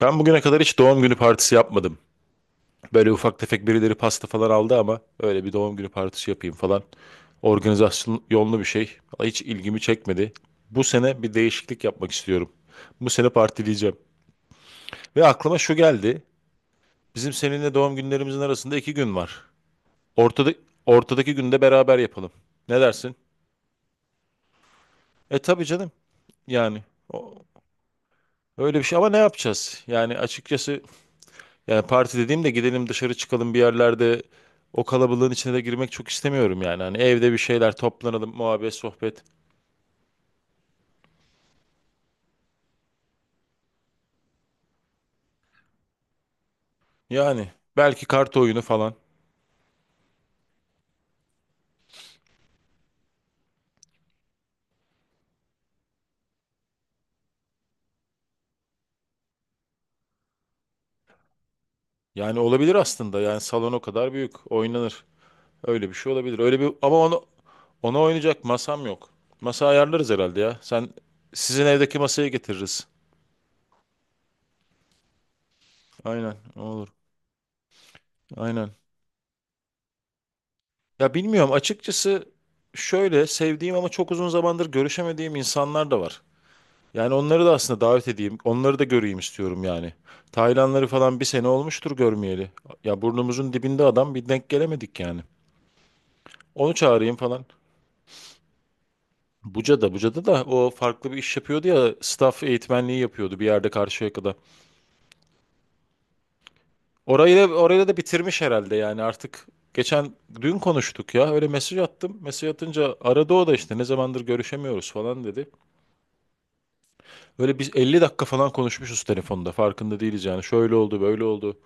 Ben bugüne kadar hiç doğum günü partisi yapmadım. Böyle ufak tefek birileri pasta falan aldı ama öyle bir doğum günü partisi yapayım falan. Organizasyon yollu bir şey. Vallahi hiç ilgimi çekmedi. Bu sene bir değişiklik yapmak istiyorum. Bu sene partileyeceğim. Ve aklıma şu geldi. Bizim seninle doğum günlerimizin arasında iki gün var. Ortada, ortadaki günde beraber yapalım. Ne dersin? E tabii canım. Yani o- öyle bir şey ama ne yapacağız? Yani açıkçası yani parti dediğimde gidelim dışarı çıkalım bir yerlerde o kalabalığın içine de girmek çok istemiyorum yani. Hani evde bir şeyler toplanalım, muhabbet, sohbet. Yani belki kart oyunu falan. Yani olabilir aslında. Yani salon o kadar büyük. Oynanır. Öyle bir şey olabilir. Öyle bir ama onu ona oynayacak masam yok. Masa ayarlarız herhalde ya. Sen sizin evdeki masayı getiririz. Aynen, olur. Aynen. Ya bilmiyorum açıkçası şöyle sevdiğim ama çok uzun zamandır görüşemediğim insanlar da var. Yani onları da aslında davet edeyim. Onları da göreyim istiyorum yani. Taylanları falan bir sene olmuştur görmeyeli. Ya burnumuzun dibinde adam bir denk gelemedik yani. Onu çağırayım falan. Buca'da, Buca'da da o farklı bir iş yapıyordu ya. Staff eğitmenliği yapıyordu bir yerde Karşıyaka'da. Orayı da bitirmiş herhalde yani artık. Geçen dün konuştuk ya öyle mesaj attım. Mesaj atınca aradı o da işte ne zamandır görüşemiyoruz falan dedi. Böyle biz 50 dakika falan konuşmuşuz telefonda farkında değiliz yani. Şöyle oldu böyle oldu.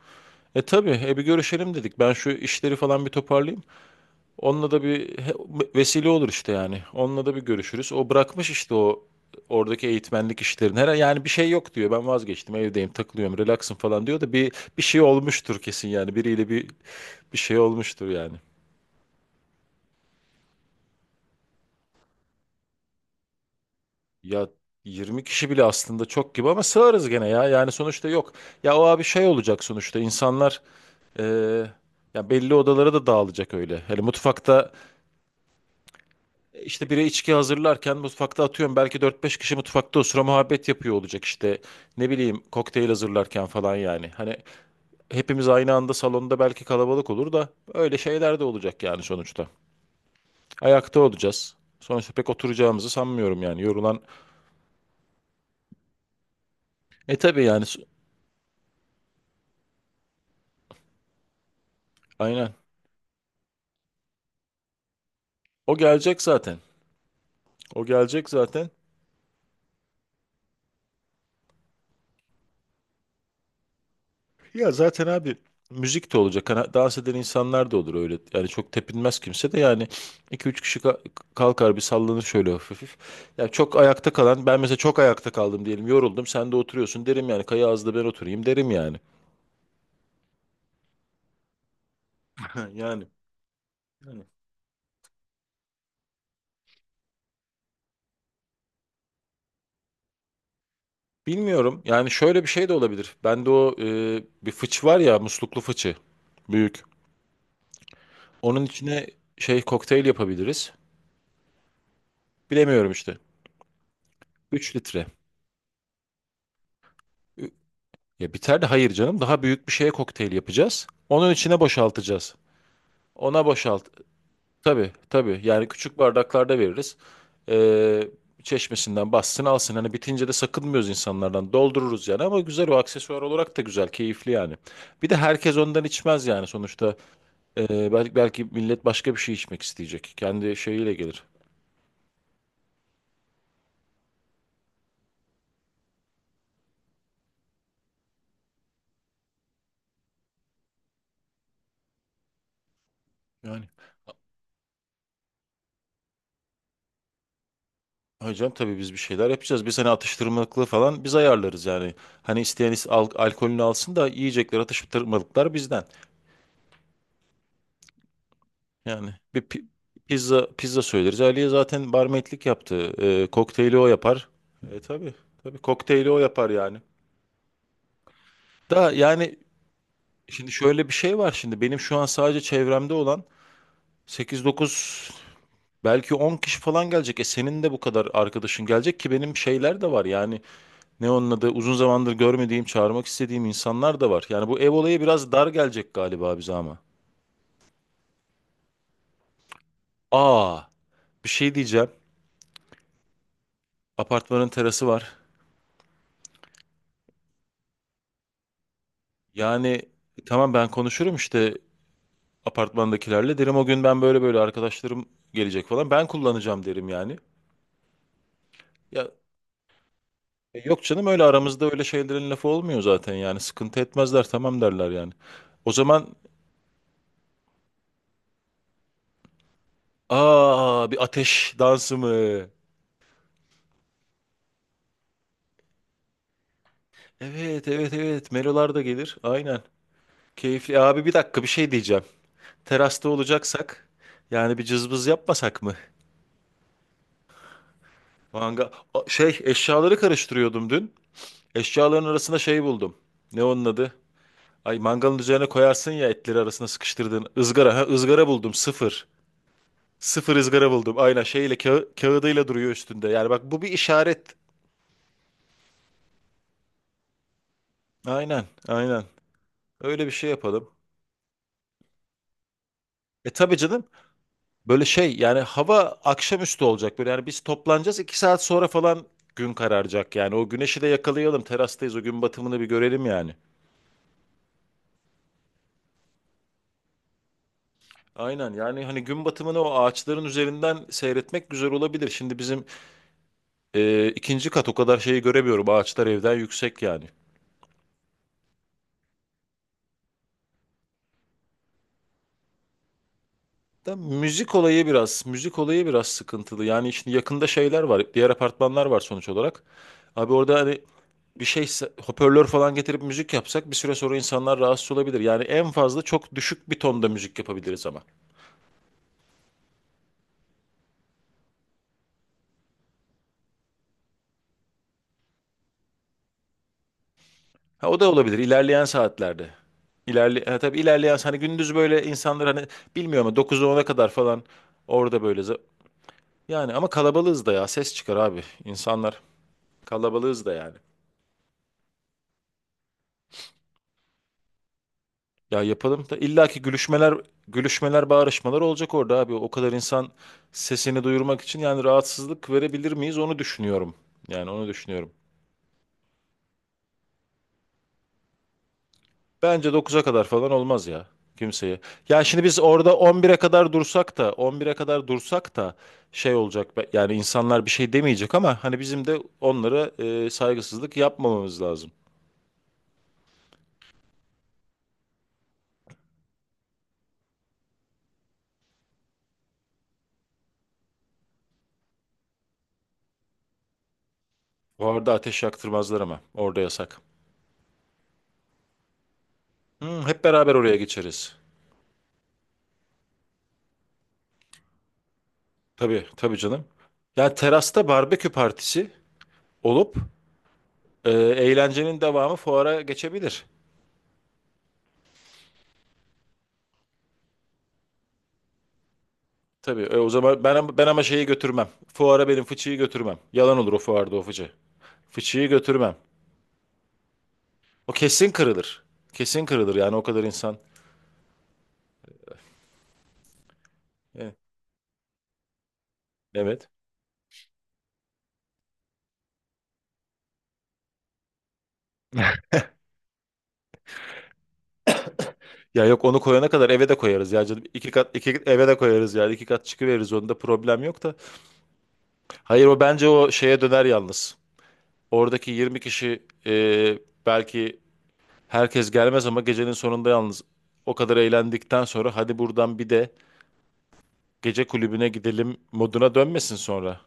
E tabii, bir görüşelim dedik. Ben şu işleri falan bir toparlayayım. Onunla da bir vesile olur işte yani. Onunla da bir görüşürüz. O bırakmış işte o oradaki eğitmenlik işlerini. Her yani bir şey yok diyor. Ben vazgeçtim, evdeyim, takılıyorum, relaxım falan diyor da bir şey olmuştur kesin yani. Biriyle bir şey olmuştur yani. Ya 20 kişi bile aslında çok gibi ama sığarız gene ya. Yani sonuçta yok. Ya o abi şey olacak sonuçta. İnsanlar e, ya belli odalara da dağılacak öyle. Hani mutfakta İşte biri içki hazırlarken mutfakta atıyorum belki 4 5 kişi mutfakta osura muhabbet yapıyor olacak işte ne bileyim kokteyl hazırlarken falan yani. Hani hepimiz aynı anda salonda belki kalabalık olur da öyle şeyler de olacak yani sonuçta. Ayakta olacağız. Sonuçta pek oturacağımızı sanmıyorum yani yorulan. E tabii yani aynen o gelecek zaten o gelecek zaten. Ya zaten abi müzik de olacak. Hani dans eden insanlar da olur öyle. Yani çok tepinmez kimse de yani 2 3 kişi kalkar bir sallanır şöyle hafif hafif. Ya çok ayakta kalan ben mesela çok ayakta kaldım diyelim yoruldum sen de oturuyorsun derim yani kaya ağzı ben oturayım derim yani. Yani. Yani. Bilmiyorum yani şöyle bir şey de olabilir. Bende o bir var ya musluklu fıçı büyük. Onun içine şey kokteyl yapabiliriz. Bilemiyorum işte. 3 litre. Ya biter de hayır canım. Daha büyük bir şeye kokteyl yapacağız. Onun içine boşaltacağız. Ona boşalt. Tabii tabii. Yani küçük bardaklarda veririz. Ee, çeşmesinden bassın alsın. Hani bitince de sakınmıyoruz insanlardan. Doldururuz yani ama güzel o aksesuar olarak da güzel. Keyifli yani. Bir de herkes ondan içmez yani sonuçta. Belki millet başka bir şey içmek isteyecek. Kendi şeyiyle gelir. Yani. Hocam tabii biz bir şeyler yapacağız. Bir sene atıştırmalıklı falan biz ayarlarız yani. Hani isteyen alkolünü alsın da yiyecekler atıştırmalıklar bizden. Yani bir pizza söyleriz. Aliye zaten barmaidlik yaptı. Kokteyli o yapar. E tabii tabii kokteyli o yapar yani. Da yani şimdi şöyle bir şey var şimdi benim şu an sadece çevremde olan 8 9 belki 10 kişi falan gelecek. E senin de bu kadar arkadaşın gelecek ki benim şeyler de var yani. Ne onun adı? Uzun zamandır görmediğim, çağırmak istediğim insanlar da var. Yani bu ev olayı biraz dar gelecek galiba bize ama. Aa, bir şey diyeceğim. Apartmanın terası var. Yani tamam ben konuşurum işte apartmandakilerle. Derim o gün ben böyle böyle arkadaşlarım gelecek falan. Ben kullanacağım derim yani. Ya yok canım öyle aramızda öyle şeylerin lafı olmuyor zaten yani. Sıkıntı etmezler tamam derler yani. O zaman aa bir ateş dansı mı? Evet evet evet. Melolar da gelir. Aynen. Keyifli. E, abi bir dakika bir şey diyeceğim. Terasta olacaksak yani bir cızbız yapmasak mı? Şey eşyaları karıştırıyordum dün. Eşyaların arasında şey buldum. Ne onun adı? Ay mangalın üzerine koyarsın ya etleri arasına sıkıştırdığın ızgara. Ha ızgara buldum sıfır. Sıfır ızgara buldum. Aynen şeyle kağıdıyla duruyor üstünde. Yani bak bu bir işaret. Aynen aynen. Öyle bir şey yapalım. E tabii canım. Böyle şey yani hava akşamüstü olacak böyle yani biz toplanacağız 2 saat sonra falan gün kararacak yani o güneşi de yakalayalım terastayız o gün batımını bir görelim yani. Aynen yani hani gün batımını o ağaçların üzerinden seyretmek güzel olabilir. Şimdi bizim 2. kat o kadar şeyi göremiyorum ağaçlar evden yüksek yani. Da müzik olayı biraz sıkıntılı yani şimdi yakında şeyler var diğer apartmanlar var sonuç olarak. Abi orada hani bir hoparlör falan getirip müzik yapsak bir süre sonra insanlar rahatsız olabilir. Yani en fazla çok düşük bir tonda müzik yapabiliriz ama. Ha, o da olabilir ilerleyen saatlerde. Tabii ilerleyen hani gündüz böyle insanlar hani bilmiyorum ama 9'a ona kadar falan orada böyle yani ama kalabalığız da ya ses çıkar abi insanlar kalabalığız da yani. Ya yapalım da illaki gülüşmeler bağrışmalar olacak orada abi o kadar insan sesini duyurmak için yani rahatsızlık verebilir miyiz onu düşünüyorum. Yani onu düşünüyorum. Bence 9'a kadar falan olmaz ya kimseye. Ya şimdi biz orada 11'e kadar dursak da on bire kadar dursak da şey olacak yani insanlar bir şey demeyecek ama hani bizim de onlara saygısızlık yapmamamız lazım. Orada ateş yaktırmazlar ama orada yasak. Hmm, hep beraber oraya geçeriz. Tabii tabii canım. Ya terasta barbekü partisi olup eğlencenin devamı fuara geçebilir. Tabii o zaman ben ama şeyi götürmem. Fuara benim fıçıyı götürmem. Yalan olur o fuarda o fıçı. Fıçıyı götürmem. O kesin kırılır. Kesin kırılır yani o kadar insan. E, evet. Ya yok onu koyana kadar eve de koyarız ya canım. İki kat iki eve de koyarız yani. 2 kat çıkıveririz onda problem yok da. Hayır o bence o şeye döner yalnız. Oradaki 20 kişi belki herkes gelmez ama gecenin sonunda yalnız o kadar eğlendikten sonra hadi buradan bir de gece kulübüne gidelim moduna dönmesin sonra.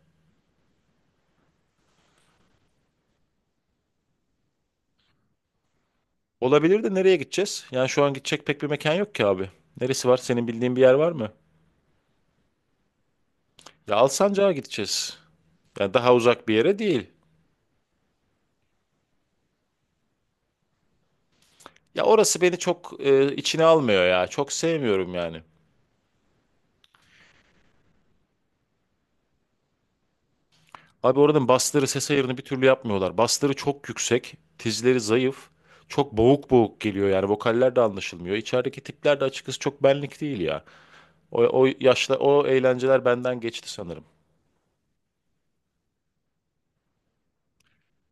Olabilir de nereye gideceğiz? Yani şu an gidecek pek bir mekan yok ki abi. Neresi var? Senin bildiğin bir yer var mı? Ya Alsancak'a gideceğiz. Yani daha uzak bir yere değil. Ya orası beni çok içine almıyor ya. Çok sevmiyorum yani. Abi oranın basları ses ayarını bir türlü yapmıyorlar. Basları çok yüksek, tizleri zayıf. Çok boğuk boğuk geliyor yani vokaller de anlaşılmıyor. İçerideki tipler de açıkçası çok benlik değil ya. O, o yaşla o eğlenceler benden geçti sanırım.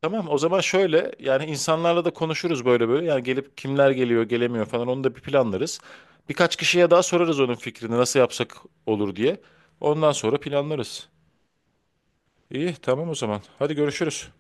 Tamam o zaman şöyle yani insanlarla da konuşuruz böyle böyle. Yani gelip kimler geliyor gelemiyor falan onu da bir planlarız. Birkaç kişiye daha sorarız onun fikrini nasıl yapsak olur diye. Ondan sonra planlarız. İyi tamam o zaman. Hadi görüşürüz.